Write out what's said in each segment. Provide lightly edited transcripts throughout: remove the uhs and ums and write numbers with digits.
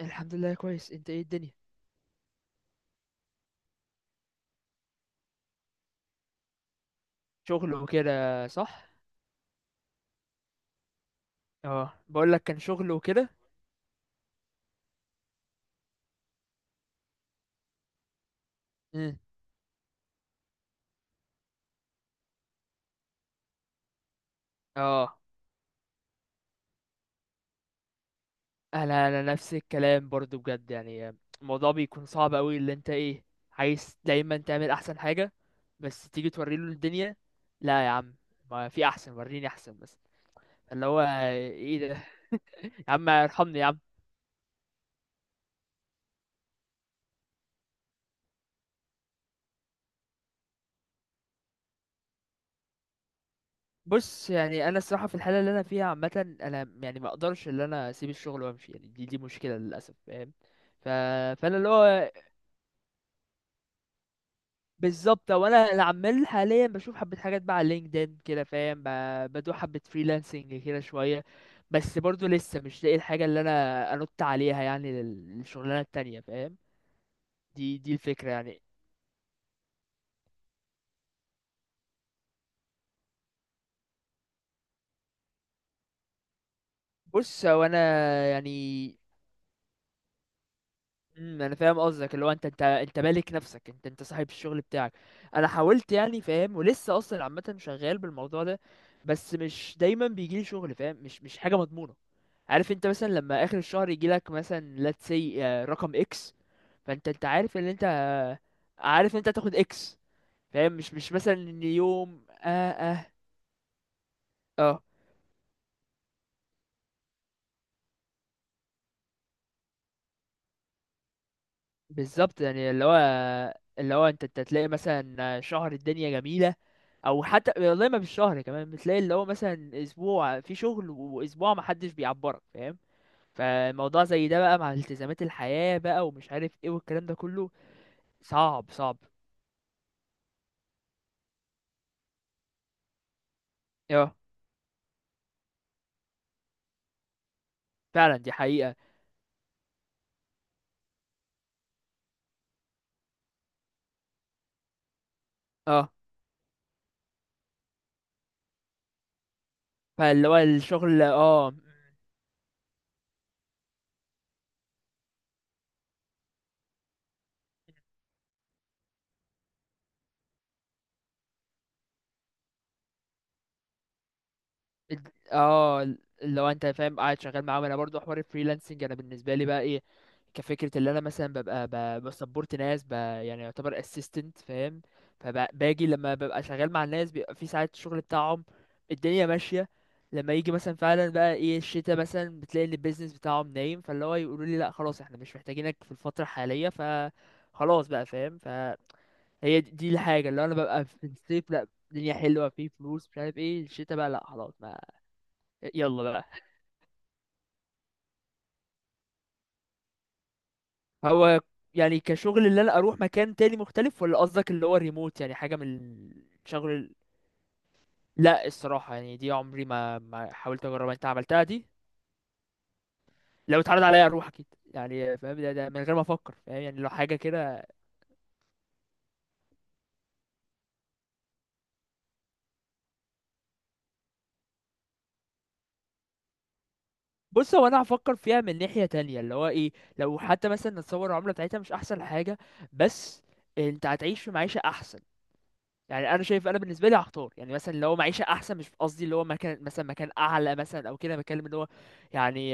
الحمد لله كويس. انت ايه الدنيا؟ شغل وكده صح. اه بقول لك كان شغل وكده. امم اه انا نفس الكلام برضو بجد يعني الموضوع بيكون صعب قوي، اللي انت ايه، عايز دايما تعمل احسن حاجة، بس تيجي توري له الدنيا، لا يا عم، ما في احسن، وريني احسن بس، اللي هو ايه ده يا عم ارحمني يا عم. بص يعني انا الصراحة في الحالة اللي انا فيها عامة انا يعني ما اقدرش اللي انا اسيب الشغل وامشي يعني، دي مشكلة للاسف، فاهم؟ ف... فانا اللي هو بالظبط، هو انا اللي عمال حاليا بشوف حبه حاجات بقى على لينكدين كده فاهم، بدوق حبه فريلانسنج كده شويه. بس برضو لسه مش لاقي الحاجه اللي انا انط عليها يعني للشغلانه التانية فاهم، دي الفكره يعني. بص هو انا يعني، انا فاهم قصدك، اللي هو انت انت مالك نفسك، انت انت صاحب الشغل بتاعك. انا حاولت يعني فاهم، ولسه اصلا عامه شغال بالموضوع ده، بس مش دايما بيجيلي شغل فاهم، مش حاجه مضمونه. عارف انت مثلا لما اخر الشهر يجي لك مثلا let's say، رقم اكس، فانت انت عارف ان انت، عارف انت هتاخد اكس، فاهم مش مثلا ان يوم اه. اه بالظبط يعني اللي هو، اللي هو انت انت تلاقي مثلا، شهر الدنيا جميلة، او حتى والله ما بالشهر كمان بتلاقي اللي هو مثلا اسبوع في شغل واسبوع ما حدش بيعبرك فاهم. فالموضوع زي ده بقى مع التزامات الحياة بقى ومش عارف ايه والكلام ده كله صعب صعب. اه فعلا دي حقيقة. اه فاللي هو الشغل الد- اه اللي هو انت فاهم قاعد شغال معاهم. انا برضو حوار الفريلانسنج انا بالنسبه لي بقى ايه، كفكره اللي انا مثلا ببقى بسبورت ناس ب يعني يعتبر اسيستنت فاهم. فباجي لما ببقى شغال مع الناس بيبقى في ساعات الشغل بتاعهم الدنيا ماشيه. لما يجي مثلا فعلا بقى ايه الشتاء مثلا بتلاقي ان البيزنس بتاعهم نايم، فاللي هو يقولوا لي لا خلاص احنا مش محتاجينك في الفتره الحاليه، ف خلاص بقى فاهم. ف هي دي الحاجة اللي أنا ببقى في الصيف لأ الدنيا حلوة في فلوس، مش عارف ايه الشتا بقى لأ خلاص ما، يلا بقى. هو يعني كشغل اللي أنا أروح مكان تاني مختلف ولا قصدك اللي هو ريموت يعني حاجة من الشغل لأ الصراحة يعني دي عمري ما حاولت أجربها، أنت عملتها دي؟ لو اتعرض عليا أروح أكيد يعني فاهم، ده من غير ما أفكر فاهم، يعني لو حاجة كده. بص هو أنا هفكر فيها من ناحية تانية اللي هو ايه، لو حتى مثلا نتصور العملة بتاعتها مش أحسن حاجة، بس انت هتعيش في معيشة احسن يعني. انا شايف انا بالنسبه لي هختار يعني مثلا لو معيشه احسن، مش قصدي اللي هو مكان مثلا مكان اعلى مثلا او كده، بتكلم اللي هو يعني.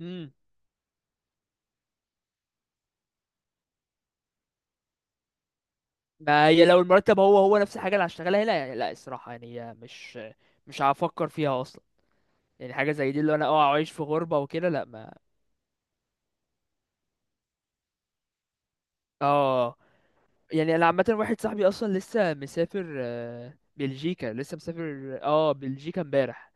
امم ما هي لو المرتب هو هو نفس الحاجه اللي هشتغلها هنا يعني لا الصراحه يعني هي مش هفكر فيها اصلا. يعني حاجه زي دي اللي انا اعيش في غربه وكده لا ما. اه يعني انا عامه واحد صاحبي اصلا لسه مسافر، بلجيكا، لسه مسافر بلجيكا امبارح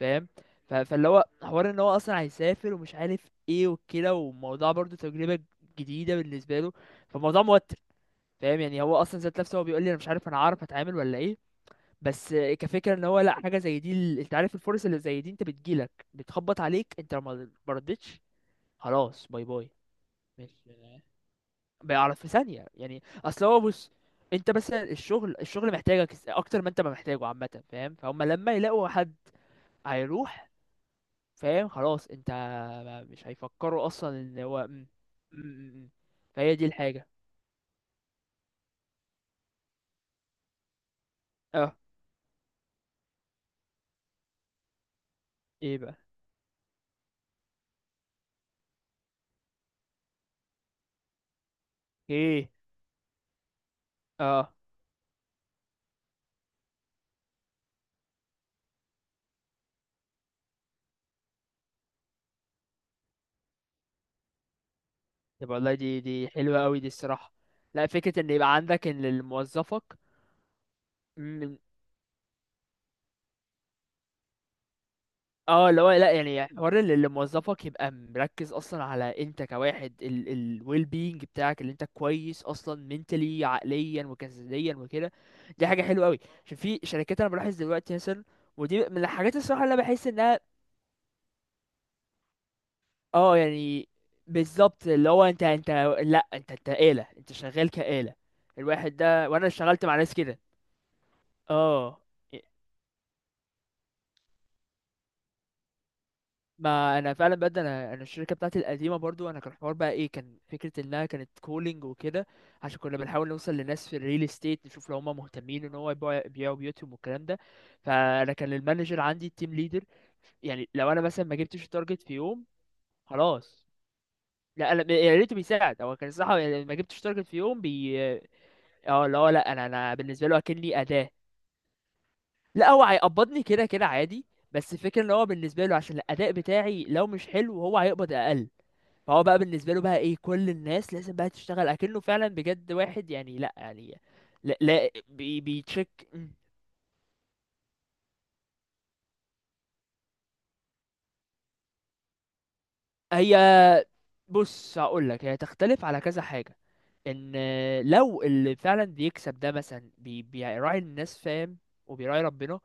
فاهم. فاللي هو حوار ان هو اصلا هيسافر ومش عارف ايه وكده، والموضوع برضو تجربة جديدة بالنسبة له، فالموضوع موتر فاهم. يعني هو اصلا ذات نفسه هو بيقول لي انا مش عارف انا هعرف اتعامل ولا ايه. بس كفكرة ان هو لا حاجة زي دي انت عارف الفرص اللي زي دي انت بتجيلك بتخبط عليك، انت لو ما، ما ردتش خلاص باي باي. مش بيعرف في ثانية يعني. اصل هو بص، انت بس الشغل الشغل محتاجك اكتر ما انت ما محتاجه عامة فاهم. فهم لما يلاقوا حد هيروح فاهم خلاص انت، مش هيفكروا اصلا ان هو م- م- م- م. فهي دي الحاجه. اه ايه بقى؟ ايه؟ اه طب والله دي حلوه قوي دي الصراحه. لا فكره ان يبقى عندك ان اللي موظفك من، اه اللي هو لا يعني حوار اللي اللي موظفك يبقى مركز اصلا على انت كواحد ال ال well being بتاعك، اللي انت كويس اصلا mentally عقليا وجسديا وكده. دي حاجه حلوه قوي. عشان في شركات انا بلاحظ دلوقتي مثلا، ودي من الحاجات الصراحه اللي انا بحس انها، اه يعني بالظبط اللي هو انت انت، لا انت انت آلة، انت شغال كآلة الواحد ده. وانا اشتغلت مع ناس كده. اه ما انا فعلا بجد انا الشركه بتاعتي القديمه برضو، انا كان الحوار بقى ايه، كان فكره انها كانت كولينج وكده، عشان كنا بنحاول نوصل لناس في الريل استيت، نشوف لو هم مهتمين ان هو يبيعوا يبيعوا بيوتهم والكلام ده. فانا كان المانجر عندي التيم ليدر يعني، لو انا مثلا ما جبتش تارجت في يوم خلاص. لا انا يا ريته بيساعد، هو كان الصراحه يعني ما جبتش تارجت في يوم بي. اه اللي هو لا انا بالنسبه له اكني اداه. لا هو هيقبضني كده كده عادي، بس الفكره ان هو بالنسبه له عشان الاداء بتاعي لو مش حلو هو هيقبض اقل. فهو بقى بالنسبه له بقى ايه كل الناس لازم بقى تشتغل اكنه فعلا بجد واحد يعني، لا يعني، لا بي بيتشك. هي بص هقول لك هي تختلف على كذا حاجه. ان لو اللي فعلا بيكسب ده مثلا بي بيراعي الناس فاهم، وبيراعي ربنا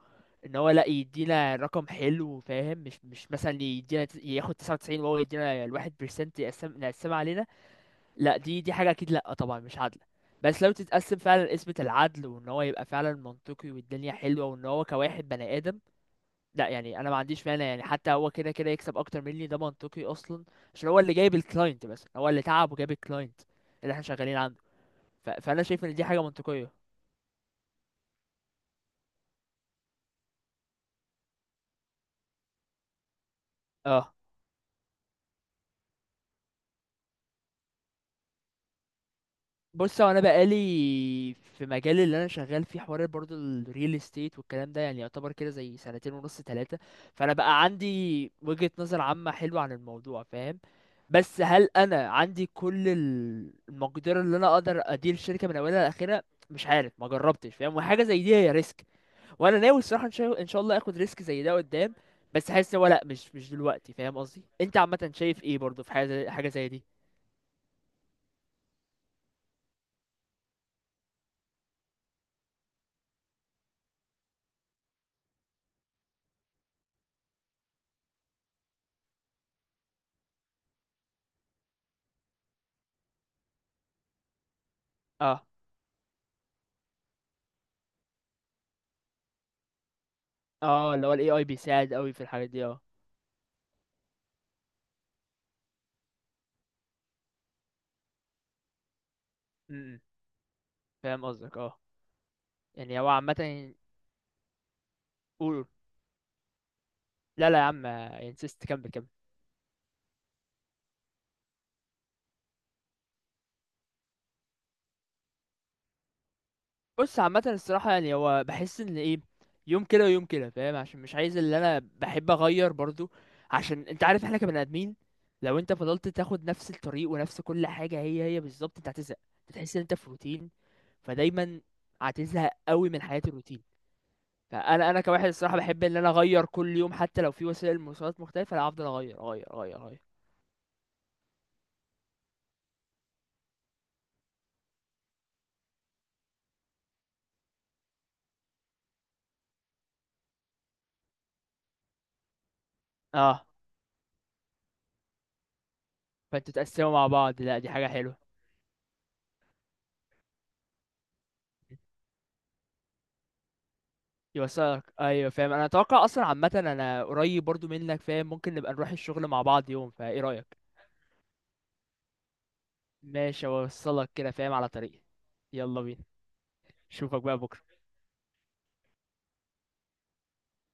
ان هو لا يدينا رقم حلو فاهم، مش مثلا يدينا ياخد 99 وهو يدينا الواحد بيرسنت يقسم، نقسمها علينا لا، دي حاجه اكيد لا طبعا مش عادله. بس لو تتقسم فعلا قسمة العدل وان هو يبقى فعلا منطقي والدنيا حلوه وان هو كواحد بني ادم، لا يعني انا ما عنديش مانع يعني. حتى هو كده كده يكسب اكتر مني ده منطقي اصلا، عشان هو اللي جايب الكلاينت، بس هو اللي تعب وجايب الكلاينت اللي احنا شغالين عنده. فانا شايف ان دي حاجه منطقيه. اه بص هو انا بقالي في مجال اللي انا شغال فيه حوار برضه الريل استيت والكلام ده يعني يعتبر كده زي سنتين ونص ثلاثه، فانا بقى عندي وجهه نظر عامه حلوه عن الموضوع فاهم. بس هل انا عندي كل المقدره اللي انا اقدر ادير الشركه من اولها لاخرها؟ مش عارف ما جربتش فاهم، وحاجه زي دي هي ريسك. وانا ناوي الصراحه ان شاء الله اخد ريسك زي ده قدام، بس حاسس ان هو لا مش دلوقتي فاهم قصدي. انت عامه شايف ايه برضه في حاجه زي حاجه زي دي؟ اه اه اللي هو الاي اي بيساعد قوي في الحاجات دي اه. امم فاهم قصدك اه، يعني هو عامة. قول، لا لا يا عم انسيست كمل كمل. بص عامة الصراحة يعني هو بحس ان ايه، يوم كده ويوم كده فاهم عشان مش عايز، اللي انا بحب اغير برضو عشان انت عارف احنا كبني ادمين، لو انت فضلت تاخد نفس الطريق ونفس كل حاجة هي هي بالظبط انت هتزهق، تحس ان انت في روتين. فدايما هتزهق قوي من حياة الروتين. فانا انا كواحد الصراحه بحب ان انا اغير كل يوم حتى لو في وسائل مواصلات مختلفه، لا هفضل اغير اغير اغير اغير. اه فانتوا تقسموا مع بعض؟ لا دي حاجه حلوه. يوصلك ايوه فاهم. انا اتوقع اصلا عامه انا قريب برضو منك فاهم، ممكن نبقى نروح الشغل مع بعض يوم، فايه رايك؟ ماشي اوصلك كده فاهم على طريقي. يلا بينا، اشوفك بقى بكره.